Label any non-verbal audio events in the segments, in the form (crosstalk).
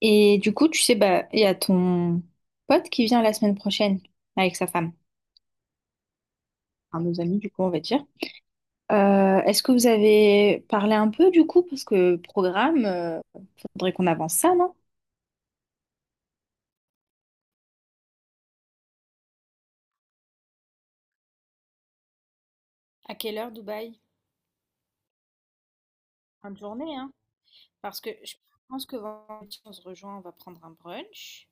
Et du coup, tu sais, bah, il y a ton pote qui vient la semaine prochaine avec sa femme, un de nos amis, du coup, on va dire. Est-ce que vous avez parlé un peu du coup? Parce que programme, faudrait qu'on avance ça, non? À quelle heure Dubaï? Fin de journée, hein? Parce que je pense que vendredi, on se rejoint, on va prendre un brunch.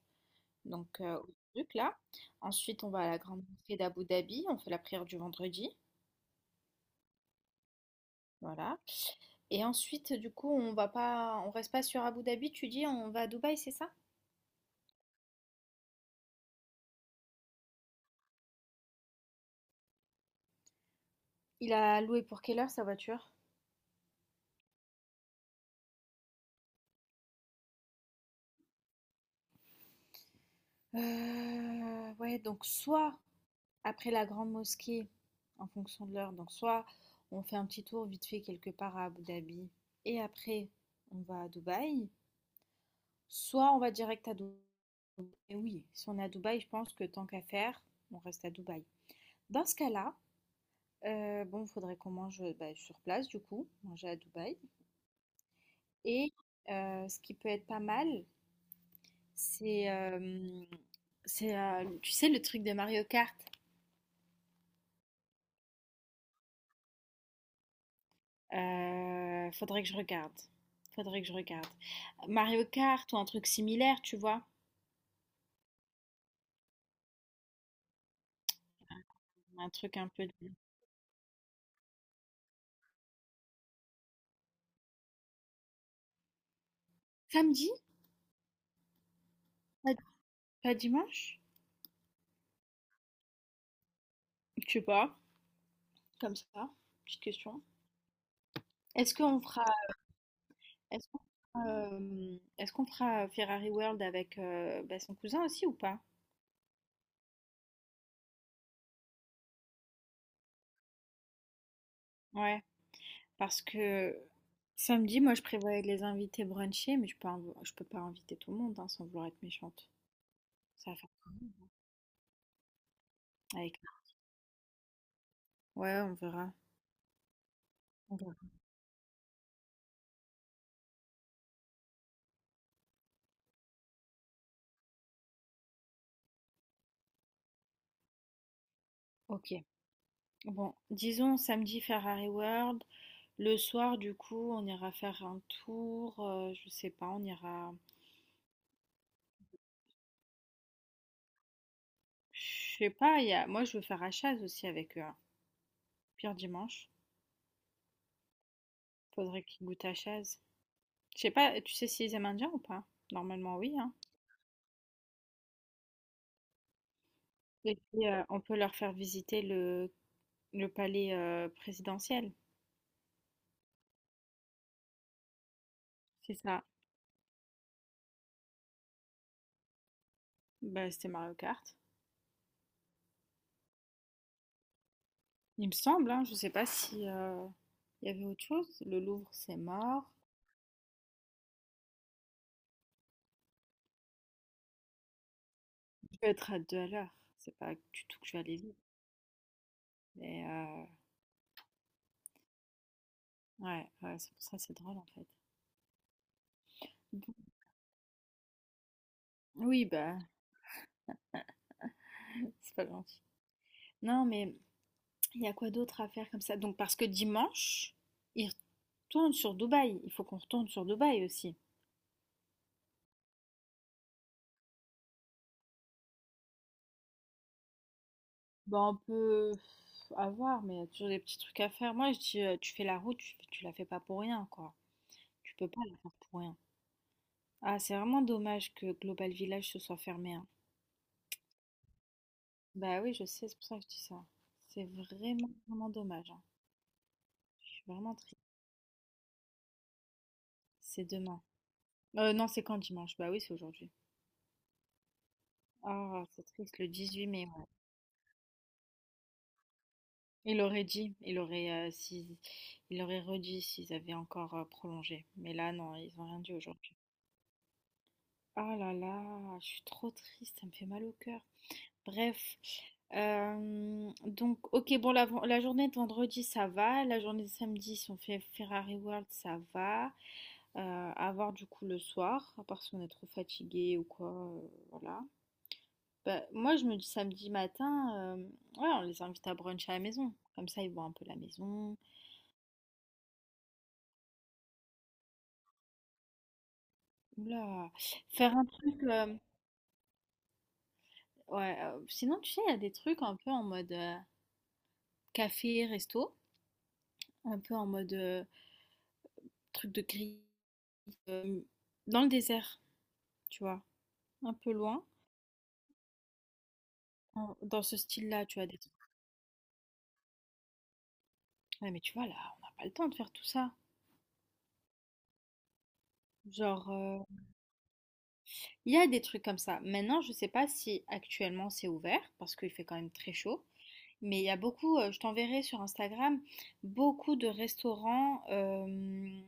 Donc, au truc là. Ensuite, on va à la grande mosquée d'Abu Dhabi. On fait la prière du vendredi. Voilà. Et ensuite, du coup, on va pas, on reste pas sur Abu Dhabi. Tu dis, on va à Dubaï, c'est ça? Il a loué pour quelle heure sa voiture? Ouais, donc soit après la grande mosquée, en fonction de l'heure, donc soit on fait un petit tour vite fait quelque part à Abu Dhabi et après on va à Dubaï, soit on va direct à Dubaï. Et oui, si on est à Dubaï, je pense que tant qu'à faire, on reste à Dubaï. Dans ce cas-là, bon, il faudrait qu'on mange bah, sur place du coup, manger à Dubaï. Et ce qui peut être pas mal, C'est, hem, c'est, tu sais, le truc de Mario Kart? Faudrait que je regarde. Faudrait que je regarde. Mario Kart ou un truc similaire, tu vois? Un truc un peu de samedi? Pas pas dimanche? Je sais pas, comme ça, petite question. Est-ce qu'on fera est-ce qu'on fera, hem, est-ce qu'on fera Ferrari World avec, bah, son cousin aussi ou pas? Ouais, parce que samedi, moi, je prévoyais de les inviter bruncher, mais je peux pas inviter tout le monde, hein, sans vouloir être méchante. Ça va, avec ça. Ouais, on verra. On verra. Ok. Bon, disons samedi Ferrari World. Le soir, du coup, on ira faire un tour. Je sais pas, on ira. Je sais pas, il y a, moi je veux faire à Chaz aussi avec eux, hein. Pire dimanche. Faudrait qu'ils goûtent à Chaz. Je sais pas, tu sais s'ils aiment indien ou pas? Normalement, oui, hein. Et puis, on peut leur faire visiter le, le palais présidentiel. C'est ça. Bah, c'était Mario Kart. Il me semble, hein, je ne sais pas si il y avait autre chose. Le Louvre, c'est mort. Je vais être à deux à l'heure. C'est pas du tout que je vais aller vite. Mais ouais, ouais, c'est pour ça, c'est drôle en fait. Donc, oui, bah, (laughs) c'est pas gentil. Non, mais il y a quoi d'autre à faire comme ça? Donc, parce que dimanche, ils retournent sur Dubaï. Il faut qu'on retourne sur Dubaï aussi. Bah, on peut avoir, mais il y a toujours des petits trucs à faire. Moi, je dis, tu fais la route, tu la fais pas pour rien, quoi. Tu peux pas la faire pour rien. Ah, c'est vraiment dommage que Global Village se soit fermé, hein. Bah oui, je sais, c'est pour ça que je dis ça. C'est vraiment, vraiment dommage, hein. Je suis vraiment triste. C'est demain. Non, c'est quand dimanche? Bah oui, c'est aujourd'hui. Ah, c'est triste, le 18 mai, ouais. Il aurait dit, il aurait, si, il aurait redit s'ils avaient encore prolongé. Mais là, non, ils ont rien dit aujourd'hui. Ah là là, je suis trop triste, ça me fait mal au cœur. Bref, donc, ok, bon, la journée de vendredi, ça va. La journée de samedi, si on fait Ferrari World, ça va. À voir du coup le soir, à part si on est trop fatigué ou quoi. Voilà. Bah, moi, je me dis samedi matin, ouais, on les invite à brunch à la maison. Comme ça, ils voient un peu la maison. Oula. Faire un truc. Ouais, sinon, tu sais, il y a des trucs un peu en mode café, resto. Un peu en mode truc de grille. euh, Dans le désert, tu vois, un peu loin, dans ce style-là, tu vois, des trucs. Ouais, mais tu vois, là, on n'a pas le temps de faire tout ça. Genre, il y a des trucs comme ça. Maintenant, je sais pas si actuellement c'est ouvert, parce qu'il fait quand même très chaud. Mais il y a beaucoup, je t'enverrai sur Instagram, beaucoup de restaurants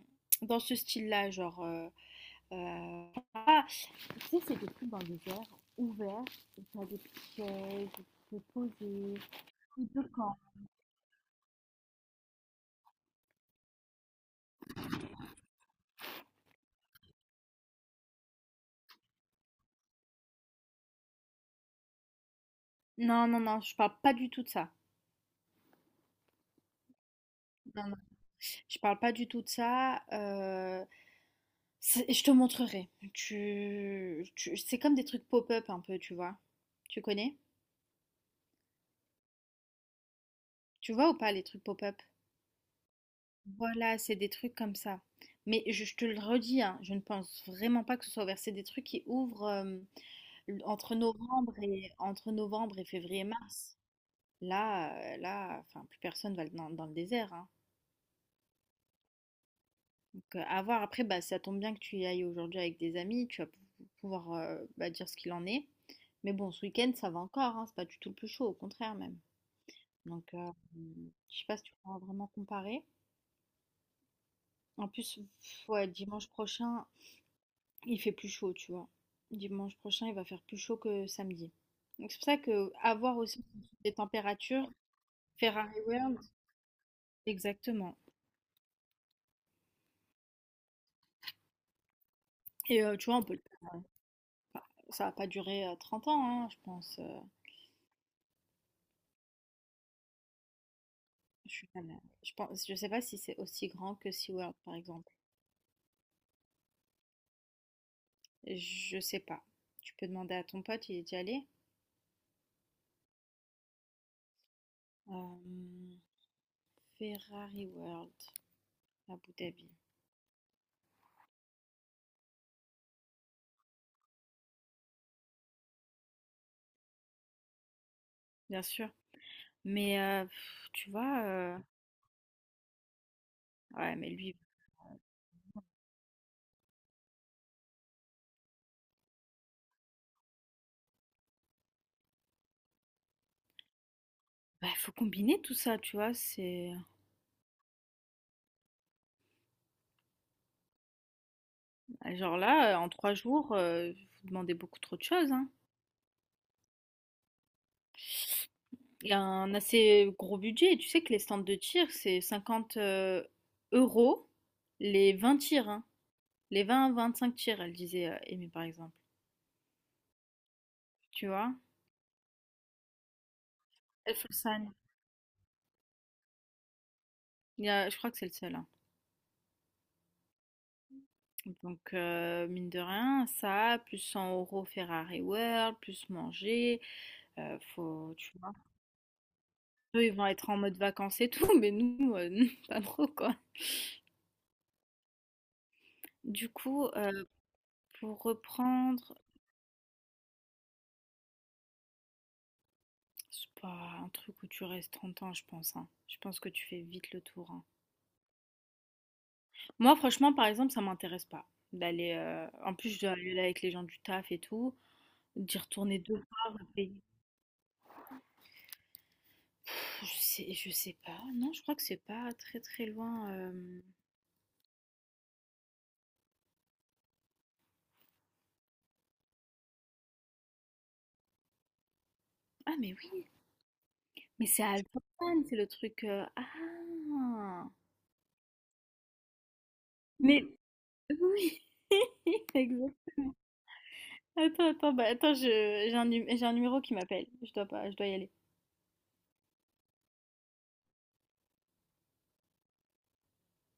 dans ce style-là. Genre, euh, ah, tu sais, c'est des trucs dans des airs ouverts, où t'as des petites chaises, où tu peux te poser. Un peu quand- Non, non, non, je parle pas du tout de ça. Non, non. Je parle pas du tout de ça. Je te montrerai. C'est comme des trucs pop-up un peu, tu vois. Tu connais? Tu vois ou pas les trucs pop-up? Voilà, c'est des trucs comme ça. Mais je te le redis, hein, je ne pense vraiment pas que ce soit ouvert. C'est des trucs qui ouvrent entre novembre et février-mars. Là, enfin, plus personne va dans le désert, hein. Donc, à voir. Après, bah, ça tombe bien que tu y ailles aujourd'hui avec des amis. Tu vas pouvoir bah, dire ce qu'il en est. Mais bon, ce week-end, ça va encore. Hein, c'est pas du tout le plus chaud, au contraire même. Donc, je sais pas si tu pourras vraiment comparer. En plus, ouais, dimanche prochain, il fait plus chaud, tu vois. Dimanche prochain, il va faire plus chaud que samedi. Donc, c'est pour ça que avoir aussi des températures, Ferrari World, exactement. Et tu vois, on peut, ça va pas durer 30 ans, hein, je pense. Je suis pas là. Je pense, je sais pas si c'est aussi grand que SeaWorld, par exemple. Je sais pas. Tu peux demander à ton pote, il est déjà allé. Euh, Ferrari World, Abu Dhabi, bien sûr. Mais pff, tu vois, ouais, mais lui, bah, faut combiner tout ça, tu vois. C'est genre là, en 3 jours, vous demandez beaucoup trop de choses, hein. Il y a un assez gros budget. Tu sais que les stands de tir, c'est 50 euros les 20 tirs, hein. Les vingt-cinq tirs, elle disait Aimée, par exemple. Tu vois? Elfelsheim. Je crois que c'est le seul, hein. Donc, mine de rien, ça, plus 100 euros Ferrari World, plus manger, faut, tu vois. Eux, ils vont être en mode vacances et tout, (laughs) mais nous, (laughs) pas trop, quoi. Du coup, pour reprendre, c'est pas un truc où tu restes 30 ans, je pense, hein. Je pense que tu fais vite le tour, hein. Moi, franchement, par exemple, ça m'intéresse pas d'aller. En plus, je dois aller là avec les gens du taf et tout. D'y retourner 2 fois, repayer. Pff, Je sais pas. Non, je crois que c'est pas très, très loin, hem ah mais oui, mais c'est à Jordan, c'est le truc, ah! Mais oui, (laughs) exact. Attends, attends, bah, attends, je j'ai un num j'ai un numéro qui m'appelle. Je dois pas je dois y aller.